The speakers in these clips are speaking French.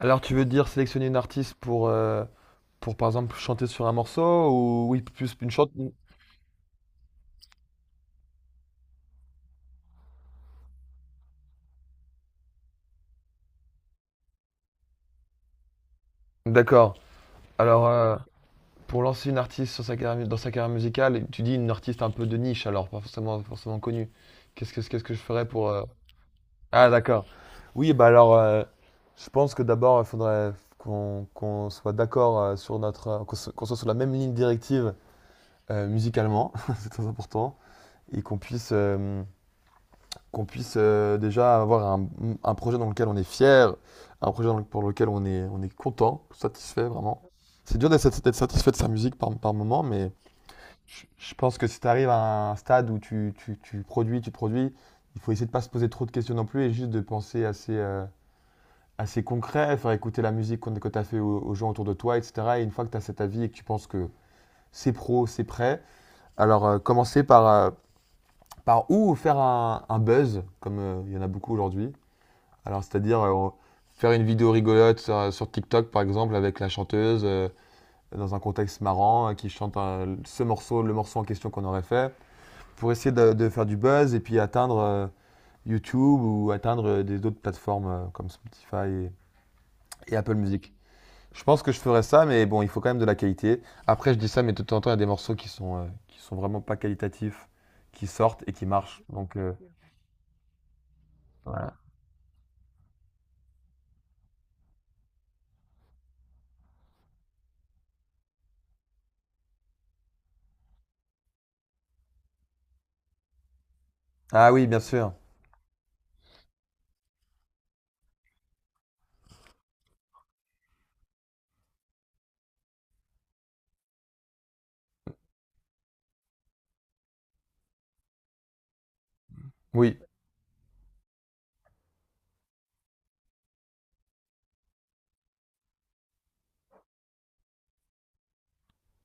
Alors, tu veux dire sélectionner une artiste pour par exemple, chanter sur un morceau ou oui, plus une chante. D'accord. Alors, pour lancer une artiste sur sa carrière mu- dans sa carrière musicale, tu dis une artiste un peu de niche, alors pas forcément connue. Qu'est-ce que je ferais pour. Ah, d'accord. Oui, bah alors, je pense que d'abord, il faudrait qu'on soit d'accord sur notre. Qu'on soit sur la même ligne directive musicalement, c'est très important, et qu'on puisse. Qu'on puisse déjà avoir un projet dans lequel on est fier, un projet pour lequel on est content, satisfait vraiment. C'est dur d'être sat- satisfait de sa musique par, par moment, mais je pense que si tu arrives à un stade où tu, tu produis, il faut essayer de ne pas se poser trop de questions non plus et juste de penser assez, assez concret, faire écouter la musique que tu as fait aux, aux gens autour de toi, etc. Et une fois que tu as cet avis et que tu penses que c'est prêt, alors commencer par, par où faire un buzz, comme il y en a beaucoup aujourd'hui. Alors, c'est-à-dire faire une vidéo rigolote sur, sur TikTok, par exemple, avec la chanteuse, dans un contexte marrant, ce morceau, le morceau en question qu'on aurait fait, pour essayer de faire du buzz et puis atteindre YouTube ou atteindre des autres plateformes comme Spotify et Apple Music. Je pense que je ferais ça, mais bon, il faut quand même de la qualité. Après, je dis ça, mais de temps en temps, il y a des morceaux qui sont vraiment pas qualitatifs, qui sortent et qui marchent. Donc, voilà. Ah oui, bien sûr. Oui.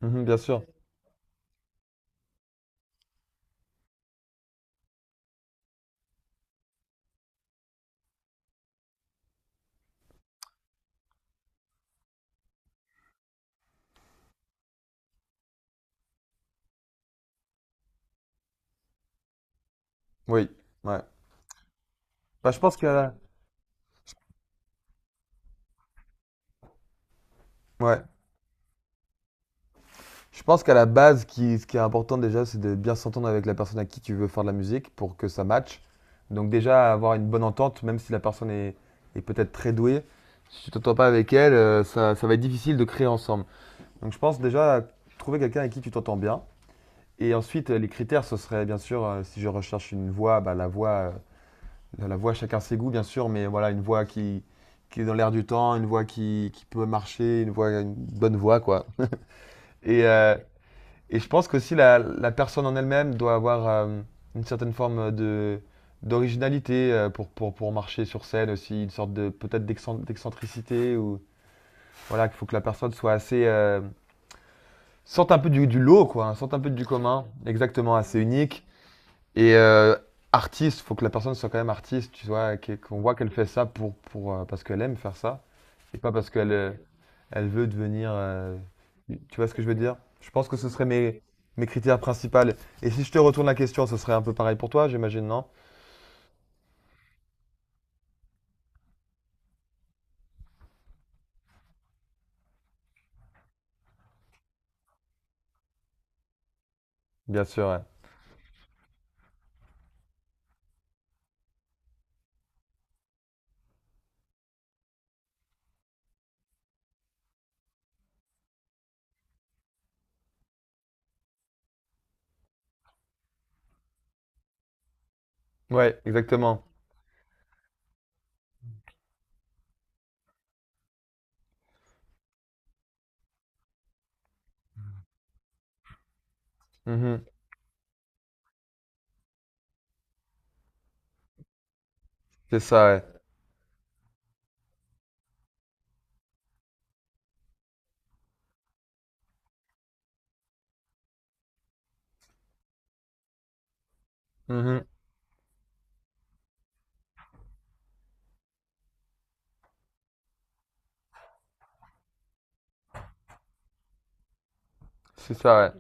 Mhm, bien sûr. Oui, ouais. Bah, je pense que la... Ouais. Je pense qu'à la base, ce qui est important déjà, c'est de bien s'entendre avec la personne à qui tu veux faire de la musique pour que ça matche. Donc déjà, avoir une bonne entente, même si la personne est, est peut-être très douée, si tu t'entends pas avec elle, ça, ça va être difficile de créer ensemble. Donc je pense déjà trouver quelqu'un avec qui tu t'entends bien. Et ensuite, les critères, ce serait bien sûr, si je recherche une voix, bah, la voix, chacun ses goûts, bien sûr, mais voilà, une voix qui est dans l'air du temps, une voix qui peut marcher, une voix, une bonne voix, quoi. Et, et je pense qu'aussi la, la personne en elle-même doit avoir une certaine forme de d'originalité pour marcher sur scène aussi, une sorte de peut-être d'excentricité ou voilà, qu'il faut que la personne soit assez sorte un peu du lot quoi, hein, sorte un peu du commun, exactement assez unique et artiste, faut que la personne soit quand même artiste, tu vois, qu'on voit qu'elle fait ça pour parce qu'elle aime faire ça et pas parce qu'elle elle veut devenir. Tu vois ce que je veux dire? Je pense que ce serait mes, mes critères principaux. Et si je te retourne la question, ce serait un peu pareil pour toi, j'imagine, non? Bien sûr, ouais. Ouais, exactement. Mhm. C'est ça, ouais. Mhm. C'est ça, ouais.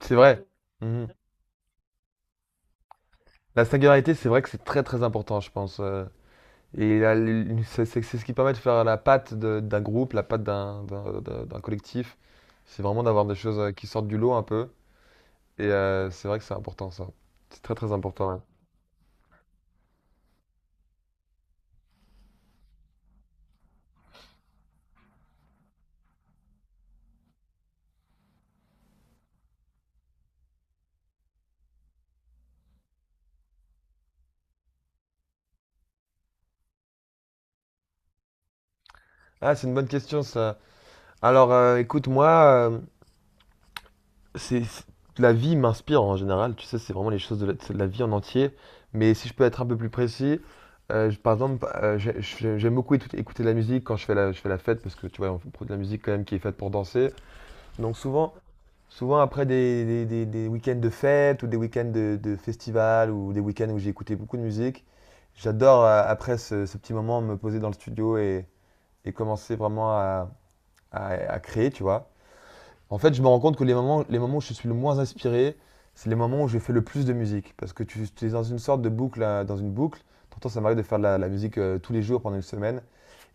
C'est vrai. Mhm. La singularité, c'est vrai que c'est très important, je pense. Et c'est c'est ce qui permet de faire la patte d'un groupe, la patte d'un d'un collectif. C'est vraiment d'avoir des choses qui sortent du lot un peu. Et c'est vrai que c'est important, ça. C'est très important, ouais. Ah, c'est une bonne question ça. Alors, écoute, moi, c'est c'est- la vie m'inspire en général. Tu sais, c'est vraiment les choses de la vie en entier. Mais si je peux être un peu plus précis, je- par exemple, j'aime beaucoup écouter écouter de la musique quand je fais la fête parce que tu vois, on produit de la musique quand même qui est faite pour danser. Donc souvent, souvent après des, des week-ends de fête ou des week-ends de festival ou des week-ends où j'ai écouté beaucoup de musique, j'adore après ce, ce petit moment me poser dans le studio et commencer vraiment à créer, tu vois. En fait, je me rends compte que les moments où je suis le moins inspiré, c'est les moments où je fais le plus de musique. Parce que tu es dans une sorte de boucle, dans une boucle. T'entends, ça m'arrive de faire de la, la musique tous les jours pendant une semaine.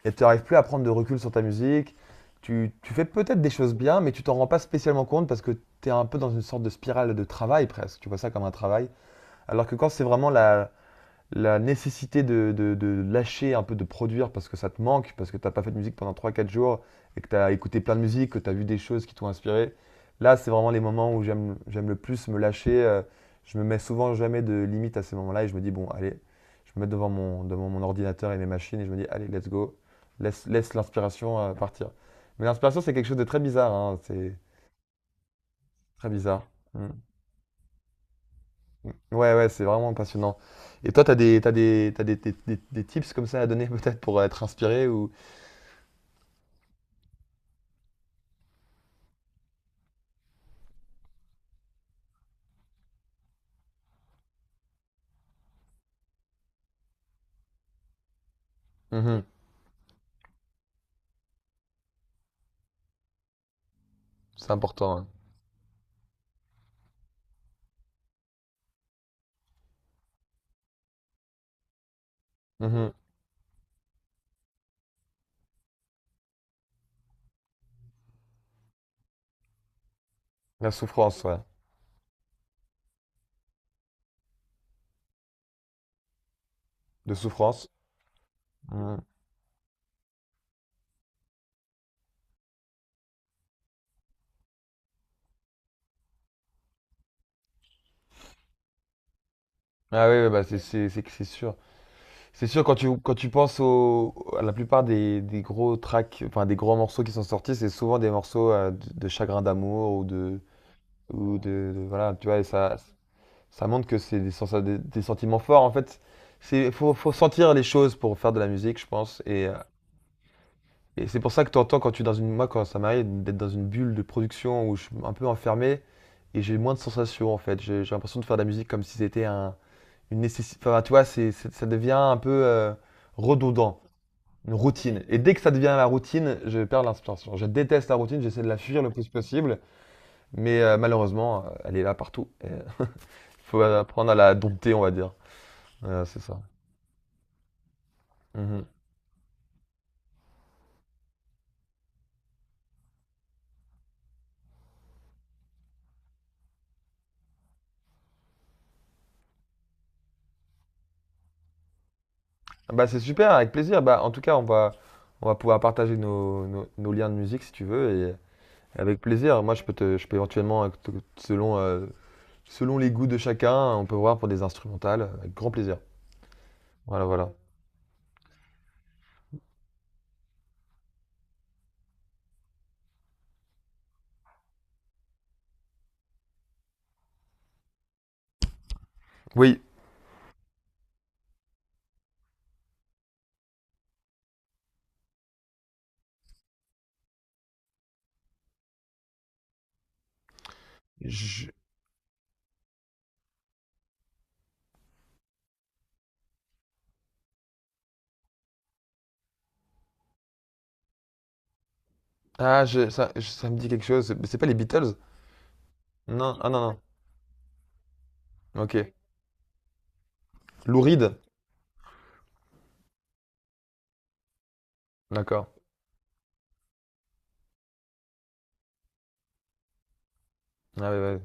Et tu n'arrives plus à prendre de recul sur ta musique. Tu fais peut-être des choses bien, mais tu t'en rends pas spécialement compte parce que tu es un peu dans une sorte de spirale de travail presque. Tu vois ça comme un travail. Alors que quand c'est vraiment la, la nécessité de, de lâcher un peu de produire parce que ça te manque, parce que t'as pas fait de musique pendant trois quatre jours et que t'as écouté plein de musique, que t'as vu des choses qui t'ont inspiré. Là, c'est vraiment les moments où j'aime, j'aime le plus me lâcher. Euh, je me mets souvent jamais de limite à ces moments-là et je me dis, bon, allez, je me mets devant mon ordinateur et mes machines et je me dis, allez, let's go, laisse, laisse l'inspiration partir. Mais l'inspiration, c'est quelque chose de très bizarre, hein, c'est très bizarre. Mm. Ouais, ouais, ouais, c'est vraiment passionnant. Et toi, t'as des, t'as des, t'as des, des tips comme ça à donner peut-être pour être inspiré ou... Mhm, c'est important. Hein. Mhm. La souffrance, ouais. De souffrance. Mhm. Ah oui, ouais, bah c'est que c'est sûr. C'est sûr, quand tu penses au, à la plupart des gros tracks, enfin des gros morceaux qui sont sortis, c'est souvent des morceaux de chagrin d'amour ou de... ou de, voilà, tu vois, et ça montre que c'est des, des sentiments forts. En fait, faut sentir les choses pour faire de la musique, je pense. Et, et c'est pour ça que tu entends quand tu es dans une. Moi, quand ça m'arrive d'être dans une bulle de production où je suis un peu enfermé et j'ai moins de sensations en fait. J'ai l'impression de faire de la musique comme si c'était un, une nécessité. Enfin, tu vois, ça devient un peu redondant, une routine. Et dès que ça devient la routine, je perds l'inspiration. Je déteste la routine, j'essaie de la fuir le plus possible, mais malheureusement, elle est là partout. Il faut apprendre à la dompter, on va dire. Voilà, c'est ça. Mhm. Bah, c'est super, avec plaisir. Bah, en tout cas, on va pouvoir partager nos, nos, nos liens de musique si tu veux. Avec plaisir. Moi, je peux te, je peux éventuellement, te- selon, selon les goûts de chacun, on peut voir pour des instrumentales, avec grand plaisir. Voilà, voilà. Oui. je- Ah, ça, ça me dit quelque chose. C'est pas les Beatles? Non, ah non, non. Ok. Lou Reed. D'accord. Ah oui, ouais.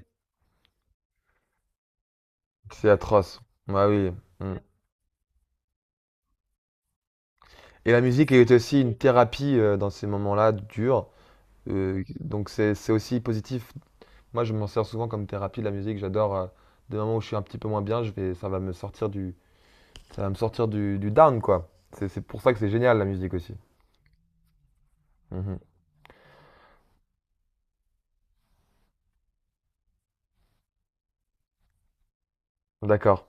C'est atroce. Bah oui. Mm. Et la musique est aussi une thérapie dans ces moments-là durs. Donc c'est aussi positif. Moi, je m'en sers souvent comme thérapie, la musique. J'adore. Euh, des moments où je suis un petit peu moins bien, je vais, ça va me sortir du ça va me sortir du down, quoi. C'est pour ça que c'est génial la musique aussi. Mhm. D'accord.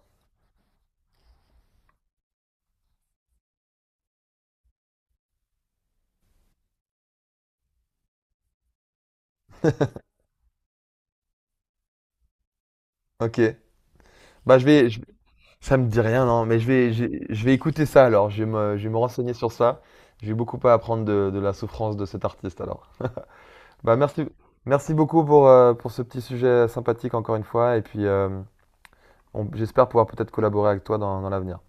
Ok. Bah je vais, ça me dit rien, non, mais je vais écouter ça alors. Je vais me renseigner sur ça. J'ai beaucoup à apprendre de la souffrance de cet artiste alors. Bah merci, merci beaucoup pour ce petit sujet sympathique encore une fois. Et puis j'espère pouvoir peut-être collaborer avec toi dans, dans l'avenir.